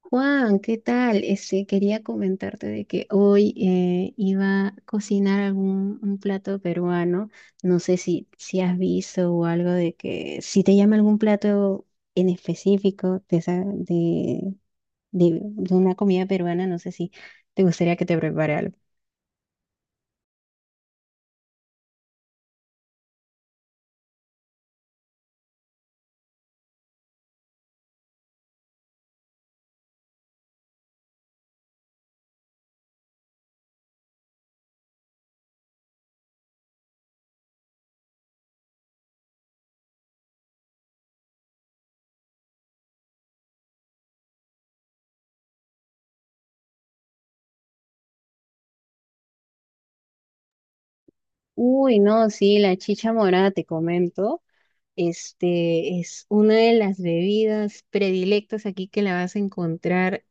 Juan, ¿qué tal? Quería comentarte de que hoy iba a cocinar algún un plato peruano. No sé si has visto o algo de que si te llama algún plato en específico de de una comida peruana, no sé si te gustaría que te prepare algo. Uy, no, sí, la chicha morada, te comento. Este es una de las bebidas predilectas aquí que la vas a encontrar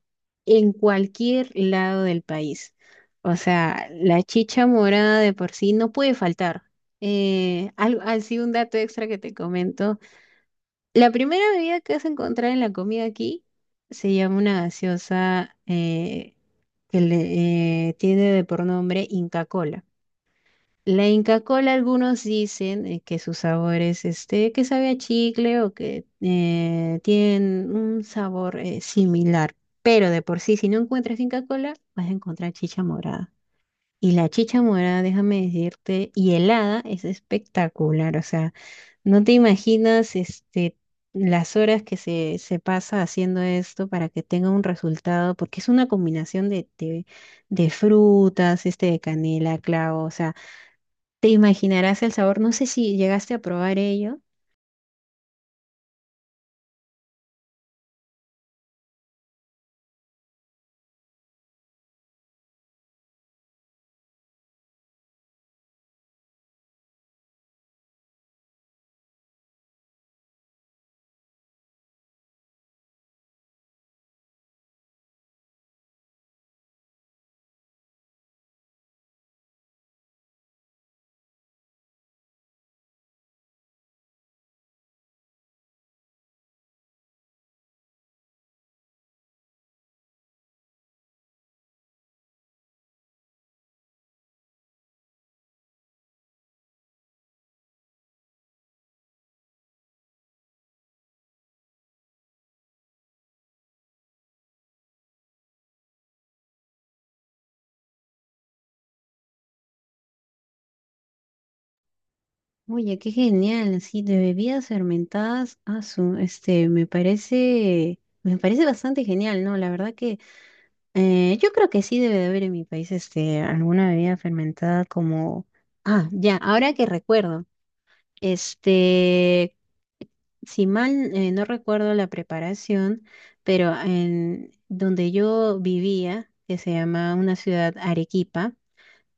en cualquier lado del país. O sea, la chicha morada de por sí no puede faltar. Así un dato extra que te comento: la primera bebida que vas a encontrar en la comida aquí se llama una gaseosa, que tiene de por nombre Inca Kola. La Inca Kola, algunos dicen que su sabor es que sabe a chicle o que tienen un sabor similar, pero de por sí, si no encuentras Inca Kola, vas a encontrar chicha morada. Y la chicha morada, déjame decirte, y helada es espectacular. O sea, no te imaginas las horas que se pasa haciendo esto para que tenga un resultado, porque es una combinación de de frutas, de canela, clavo, o sea. Te imaginarás el sabor, no sé si llegaste a probar ello. Oye, qué genial, sí, de bebidas fermentadas, me parece bastante genial, ¿no? La verdad que yo creo que sí debe de haber en mi país, alguna bebida fermentada como, ah, ya, ahora que recuerdo, este, si mal no recuerdo la preparación, pero en donde yo vivía, que se llama una ciudad Arequipa,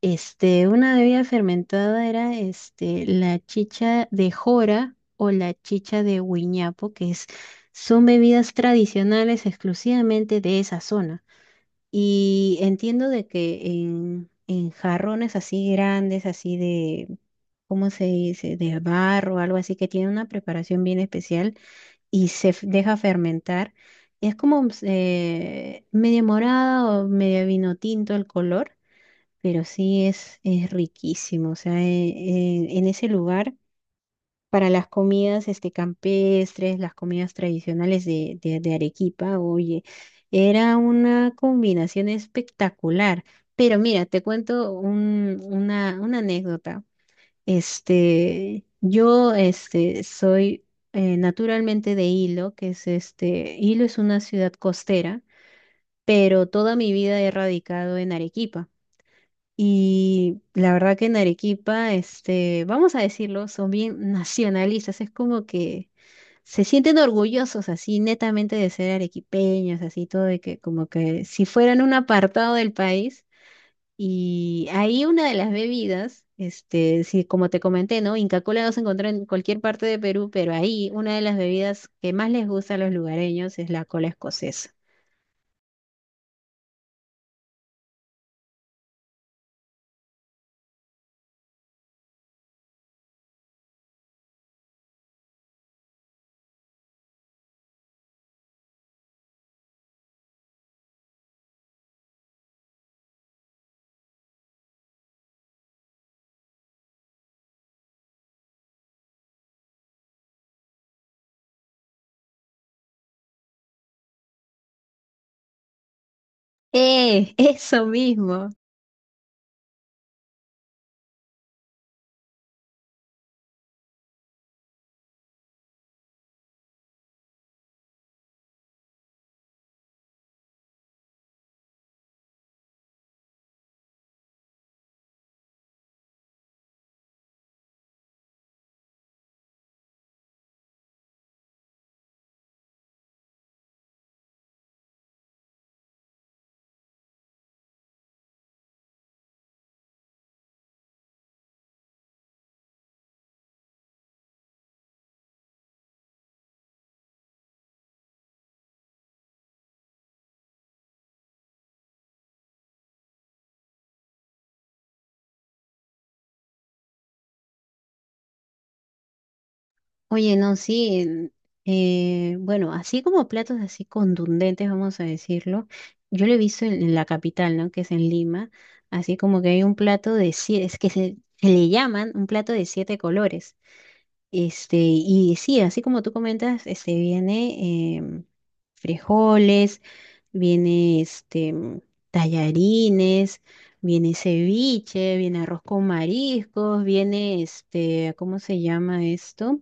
Una bebida fermentada era la chicha de jora o la chicha de huiñapo, que es, son bebidas tradicionales exclusivamente de esa zona. Y entiendo de que en jarrones así grandes, así de, ¿cómo se dice? De barro, algo así, que tiene una preparación bien especial y se deja fermentar. Es como media morada o media vino tinto el color, pero sí es riquísimo. O sea, en ese lugar, para las comidas campestres, las comidas tradicionales de de Arequipa, oye, era una combinación espectacular. Pero mira, te cuento una anécdota. Yo soy naturalmente de Hilo, que es Hilo es una ciudad costera, pero toda mi vida he radicado en Arequipa. Y la verdad que en Arequipa, vamos a decirlo, son bien nacionalistas, es como que se sienten orgullosos así netamente de ser arequipeños, así todo de que como que si fueran un apartado del país. Y ahí una de las bebidas, sí, como te comenté, ¿no? Inca Kola no se encuentra en cualquier parte de Perú, pero ahí una de las bebidas que más les gusta a los lugareños es la cola escocesa. ¡Eh! Eso mismo. Oye, no, sí, bueno, así como platos así contundentes, vamos a decirlo, yo lo he visto en la capital, ¿no? Que es en Lima, así como que hay un plato de siete, es que se le llaman un plato de siete colores. Y sí, así como tú comentas, este viene frijoles, viene tallarines, viene ceviche, viene arroz con mariscos, viene este, ¿cómo se llama esto?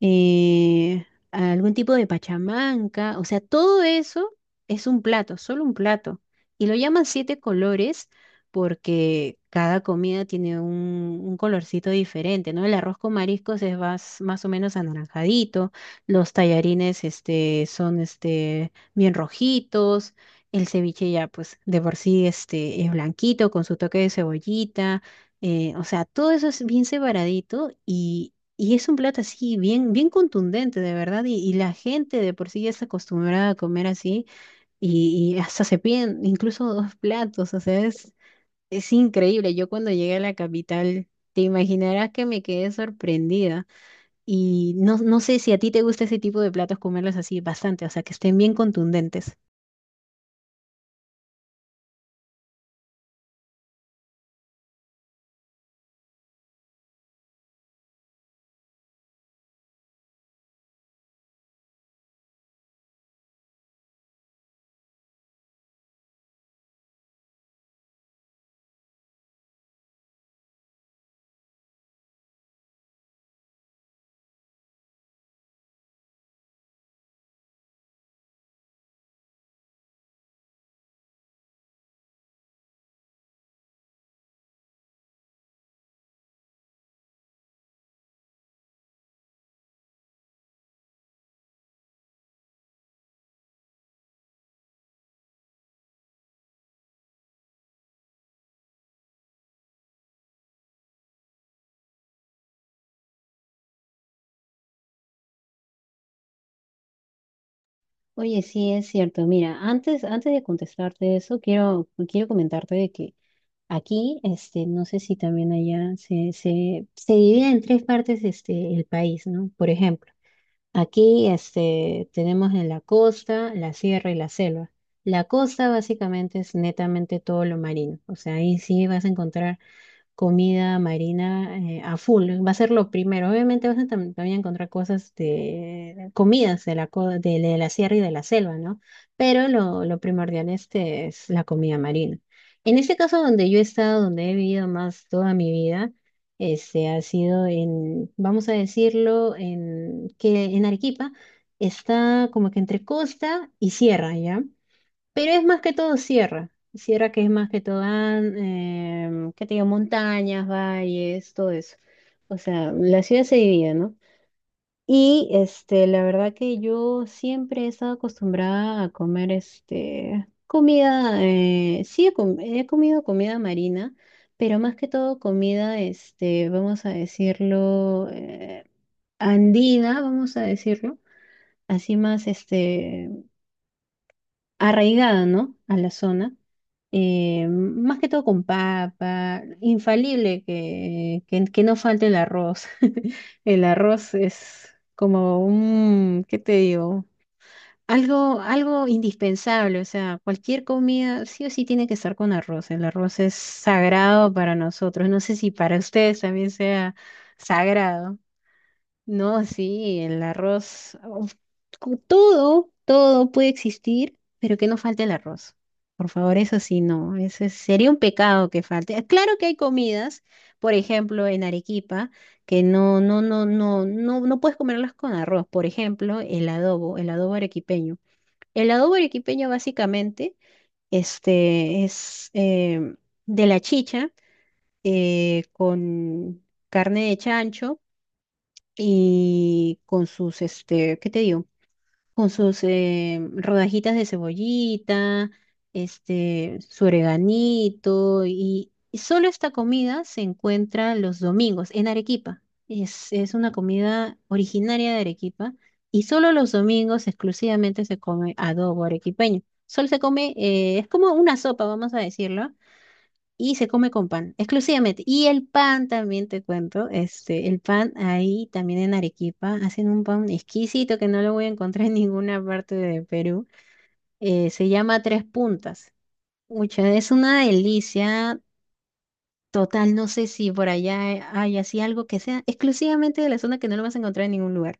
Algún tipo de pachamanca, o sea, todo eso es un plato, solo un plato. Y lo llaman siete colores porque cada comida tiene un colorcito diferente, ¿no? El arroz con mariscos es más, más o menos anaranjadito, los tallarines son bien rojitos. El ceviche ya, pues, de por sí es blanquito con su toque de cebollita. O sea, todo eso es bien separadito y es un plato así, bien, bien contundente, de verdad. Y la gente de por sí ya está acostumbrada a comer así. Y hasta se piden incluso dos platos. O sea, es increíble. Yo cuando llegué a la capital, te imaginarás que me quedé sorprendida. Y no, no sé si a ti te gusta ese tipo de platos, comerlos así bastante. O sea, que estén bien contundentes. Oye, sí, es cierto. Mira, antes, antes de contestarte eso, quiero, quiero comentarte de que aquí, no sé si también allá se se divide en tres partes el país, ¿no? Por ejemplo, aquí tenemos en la costa, la sierra y la selva. La costa básicamente es netamente todo lo marino, o sea, ahí sí vas a encontrar comida marina a full. Va a ser lo primero. Obviamente vas a también encontrar cosas de comidas de de la sierra y de la selva, ¿no? Pero lo primordial este es la comida marina. En este caso, donde yo he estado, donde he vivido más toda mi vida, este ha sido vamos a decirlo, que en Arequipa está como que entre costa y sierra, ¿ya? Pero es más que todo sierra. Sierra que es más que todo, que ¿qué te digo? Montañas, valles, todo eso. O sea, la ciudad se divide, ¿no? Y la verdad que yo siempre he estado acostumbrada a comer comida, sí he, he comido comida marina, pero más que todo comida, vamos a decirlo, andina, vamos a decirlo. Así más, arraigada, ¿no? A la zona, más que todo con papa, infalible que que no falte el arroz. El arroz es como un, ¿qué te digo? Algo, algo indispensable, o sea, cualquier comida sí o sí tiene que estar con arroz. El arroz es sagrado para nosotros. No sé si para ustedes también sea sagrado. No, sí, el arroz, uf, todo, todo puede existir, pero que no falte el arroz. Por favor, eso sí, no, ese sería un pecado que falte. Ah, claro que hay comidas, por ejemplo, en Arequipa, que no, no, no, no, no, no puedes comerlas con arroz. Por ejemplo, el adobo arequipeño. El adobo arequipeño básicamente, es em, de la chicha con carne de chancho y con sus, ¿qué te digo? Con sus rodajitas de cebollita, su oreganito, y solo esta comida se encuentra los domingos en Arequipa. Es una comida originaria de Arequipa y solo los domingos exclusivamente se come adobo arequipeño. Solo se come, es como una sopa, vamos a decirlo, y se come con pan, exclusivamente. Y el pan también te cuento, el pan ahí también en Arequipa, hacen un pan exquisito que no lo voy a encontrar en ninguna parte de Perú. Se llama Tres Puntas. Mucha, es una delicia total, no sé si por allá hay así algo que sea exclusivamente de la zona que no lo vas a encontrar en ningún lugar.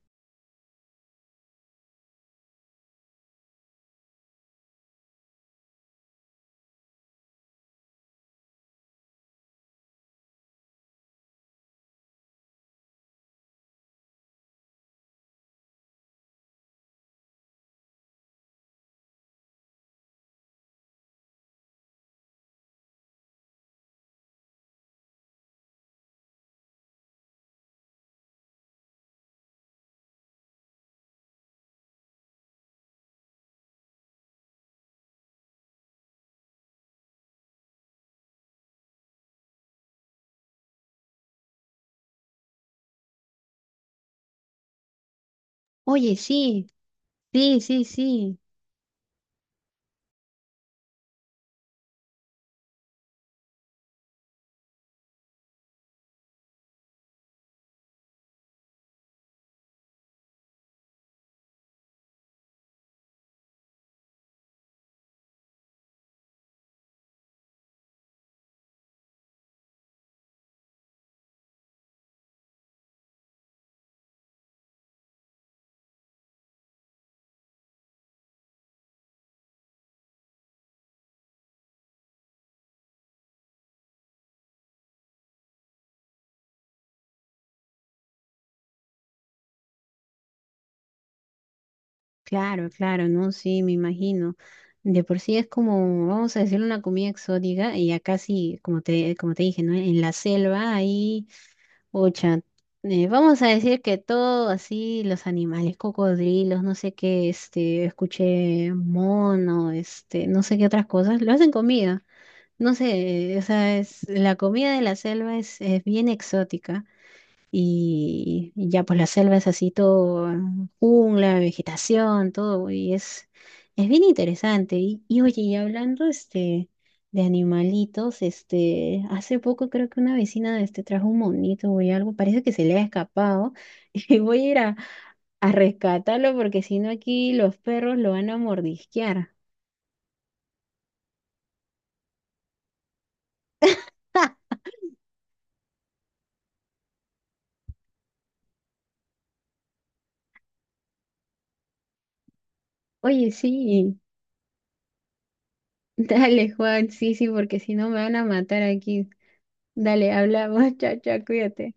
Oye, sí, sí, sí, sí. Claro, claro, no, sí, me imagino. De por sí es como, vamos a decir, una comida exótica y acá sí, como te dije, ¿no? En la selva ahí, ocha, vamos a decir que todo así, los animales, cocodrilos, no sé qué, escuché mono, no sé qué otras cosas, lo hacen comida. No sé, o sea, es, la comida de la selva es bien exótica. Y y ya pues la selva es así todo, jungla, vegetación, todo, y es bien interesante. Y oye, y hablando de animalitos, hace poco creo que una vecina trajo un monito o algo, parece que se le ha escapado, y voy a ir a rescatarlo porque si no aquí los perros lo van a mordisquear. ¡Ja! Oye, sí, dale Juan, sí, sí, porque si no me van a matar aquí. Dale, hablamos, chao, chao, cuídate.